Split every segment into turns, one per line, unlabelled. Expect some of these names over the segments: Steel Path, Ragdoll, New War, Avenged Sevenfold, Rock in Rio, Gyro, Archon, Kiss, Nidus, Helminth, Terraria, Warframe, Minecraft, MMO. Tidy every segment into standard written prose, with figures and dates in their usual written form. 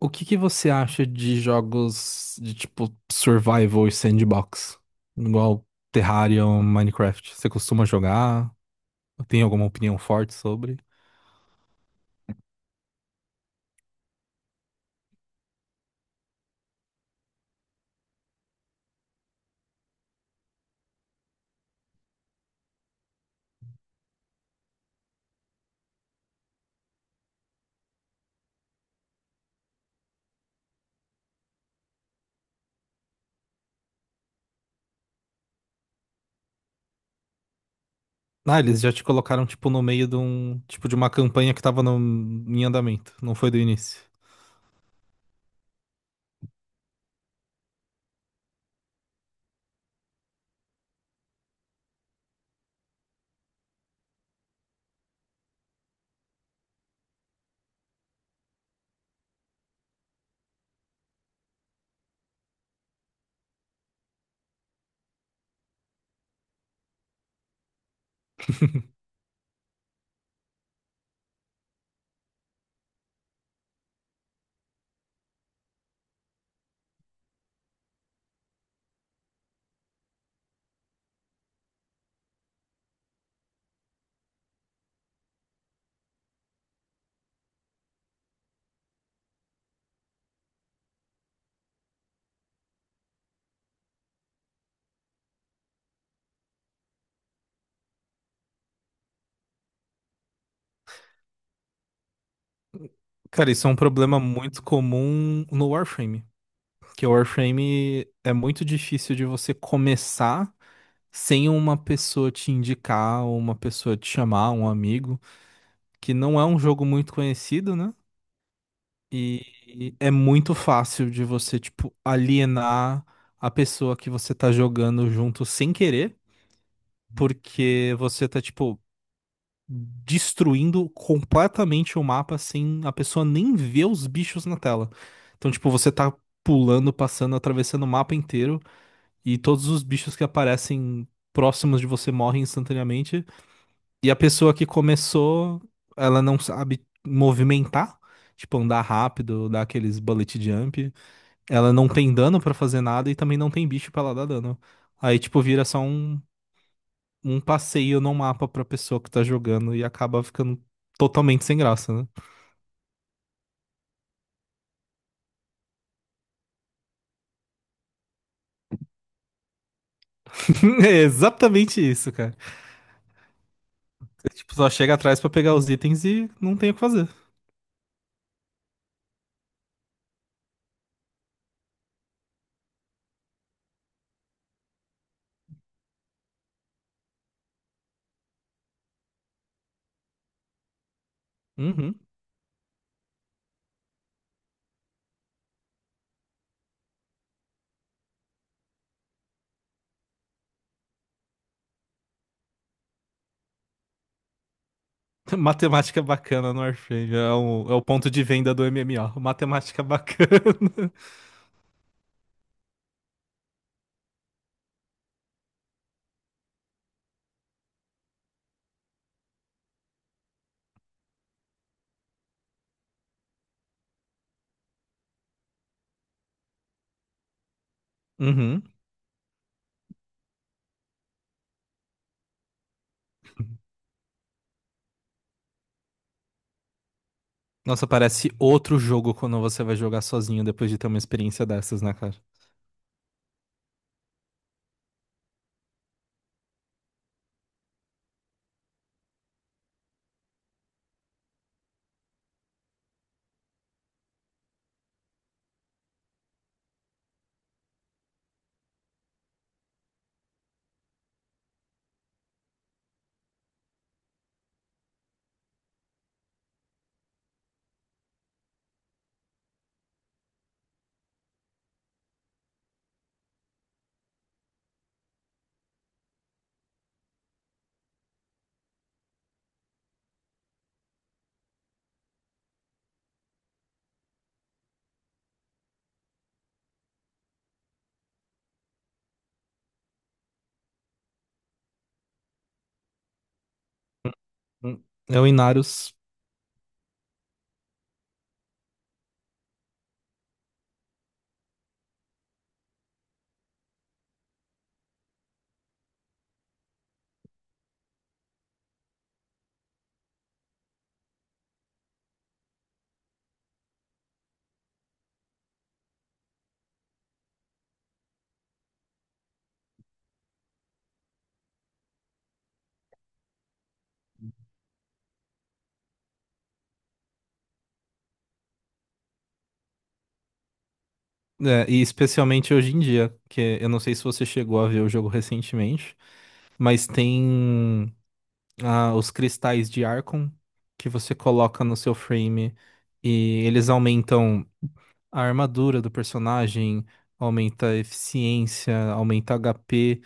O que que você acha de jogos de tipo survival e sandbox? Igual Terraria Minecraft. Você costuma jogar? Tem alguma opinião forte sobre? Ah, eles já te colocaram tipo no meio de um tipo de uma campanha que tava em andamento, não foi do início. Cara, isso é um problema muito comum no Warframe, que o Warframe é muito difícil de você começar sem uma pessoa te indicar, uma pessoa te chamar, um amigo. Que não é um jogo muito conhecido, né? E é muito fácil de você, tipo, alienar a pessoa que você tá jogando junto sem querer, porque você tá, tipo, destruindo completamente o mapa sem a pessoa nem ver os bichos na tela. Então, tipo, você tá pulando, passando, atravessando o mapa inteiro e todos os bichos que aparecem próximos de você morrem instantaneamente. E a pessoa que começou, ela não sabe movimentar, tipo andar rápido, dar aqueles bullet jump. Ela não tem dano pra fazer nada e também não tem bicho pra ela dar dano. Aí, tipo, vira só um passeio no mapa pra pessoa que tá jogando e acaba ficando totalmente sem graça, né? É exatamente isso, cara. Você, tipo, só chega atrás pra pegar os itens e não tem o que fazer. Uhum. Matemática bacana no Warframe. É o ponto de venda do MMO. Matemática bacana. Uhum. Nossa, parece outro jogo quando você vai jogar sozinho depois de ter uma experiência dessas, né, cara? Hum. É o Inarius, é, e especialmente hoje em dia, que eu não sei se você chegou a ver o jogo recentemente, mas tem os cristais de Archon que você coloca no seu frame e eles aumentam a armadura do personagem, aumenta a eficiência, aumenta HP.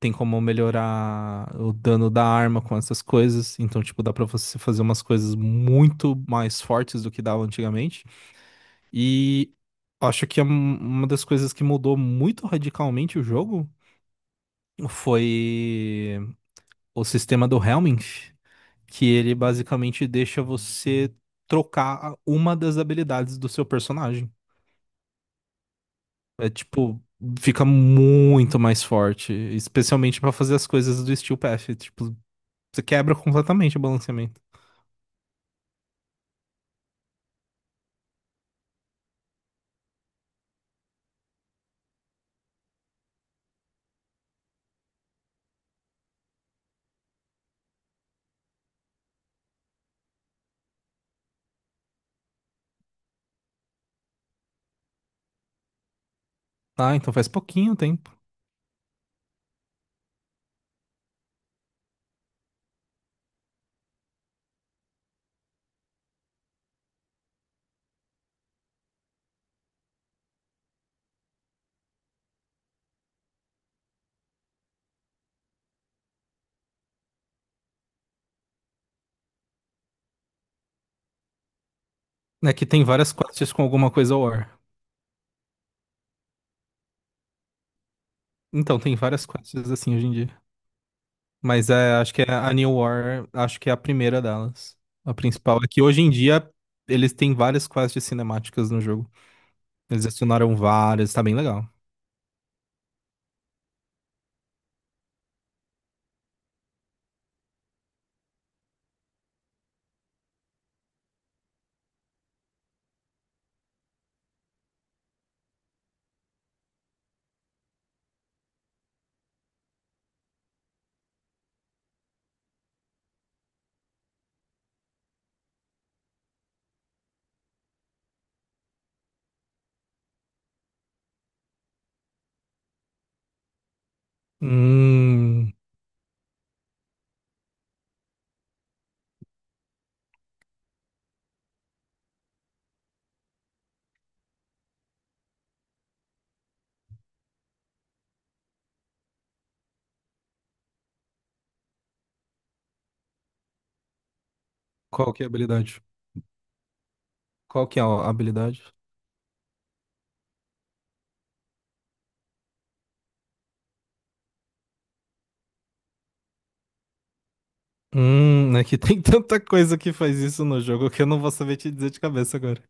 Tem como melhorar o dano da arma com essas coisas. Então, tipo, dá pra você fazer umas coisas muito mais fortes do que dava antigamente. E acho que uma das coisas que mudou muito radicalmente o jogo foi o sistema do Helminth, que ele basicamente deixa você trocar uma das habilidades do seu personagem. É tipo, fica muito mais forte, especialmente pra fazer as coisas do Steel Path. Tipo, você quebra completamente o balanceamento. Ah, então faz pouquinho tempo. É que tem várias quests com alguma coisa War. Então, tem várias quests assim hoje em dia. Mas é, acho que é a New War, acho que é a primeira delas. A principal é que hoje em dia eles têm várias quests cinemáticas no jogo. Eles adicionaram várias, tá bem legal. Hum, qual que é a habilidade? Qual que é a habilidade? É que tem tanta coisa que faz isso no jogo que eu não vou saber te dizer de cabeça agora.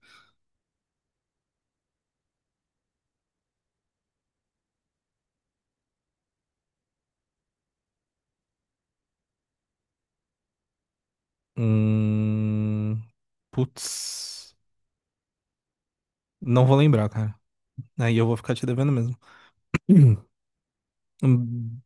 Hum, putz. Não vou lembrar, cara. Aí eu vou ficar te devendo mesmo. Hum,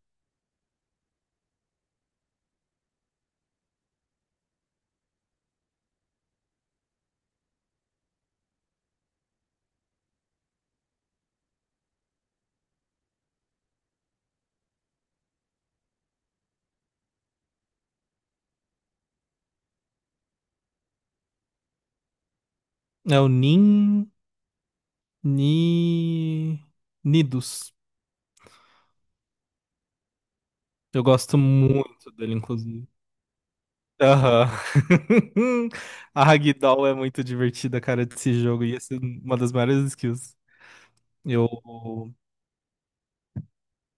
é o Nin... Ni... Nidus. Eu gosto muito dele, inclusive. Aham. A Ragdoll é muito divertida, cara, desse jogo. E essa é uma das maiores skills. Eu...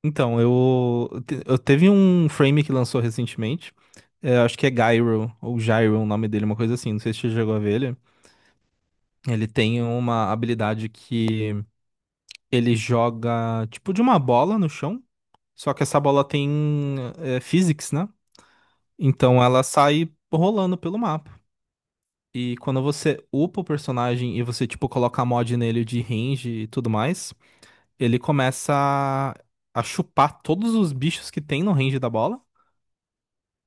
Então, eu... te- Eu teve um frame que lançou recentemente. É, acho que é Gyro, ou Gyro, o nome dele, uma coisa assim. Não sei se você chegou a ver ele. Ele tem uma habilidade que... Ele joga tipo de uma bola no chão, só que essa bola tem é, physics, né? Então ela sai rolando pelo mapa. E quando você upa o personagem e você tipo coloca mod nele de range e tudo mais, ele começa a chupar todos os bichos que tem no range da bola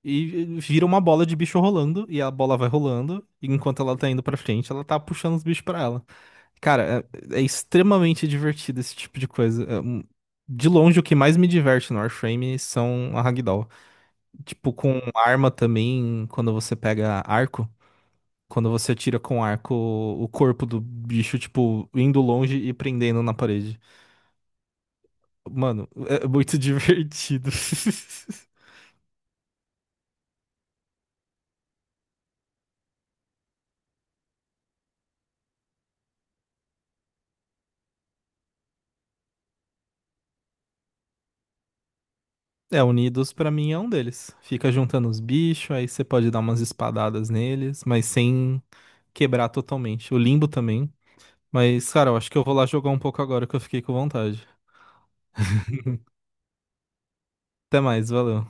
e vira uma bola de bicho rolando e a bola vai rolando e enquanto ela tá indo pra frente, ela tá puxando os bichos pra ela. Cara, é extremamente divertido esse tipo de coisa. De longe, o que mais me diverte no Warframe são a Ragdoll. Tipo, com arma também, quando você pega arco, quando você atira com arco o corpo do bicho, tipo, indo longe e prendendo na parede. Mano, é muito divertido. É, Unidos pra mim é um deles. Fica juntando os bichos, aí você pode dar umas espadadas neles, mas sem quebrar totalmente. O Limbo também. Mas, cara, eu acho que eu vou lá jogar um pouco agora que eu fiquei com vontade. Até mais, valeu.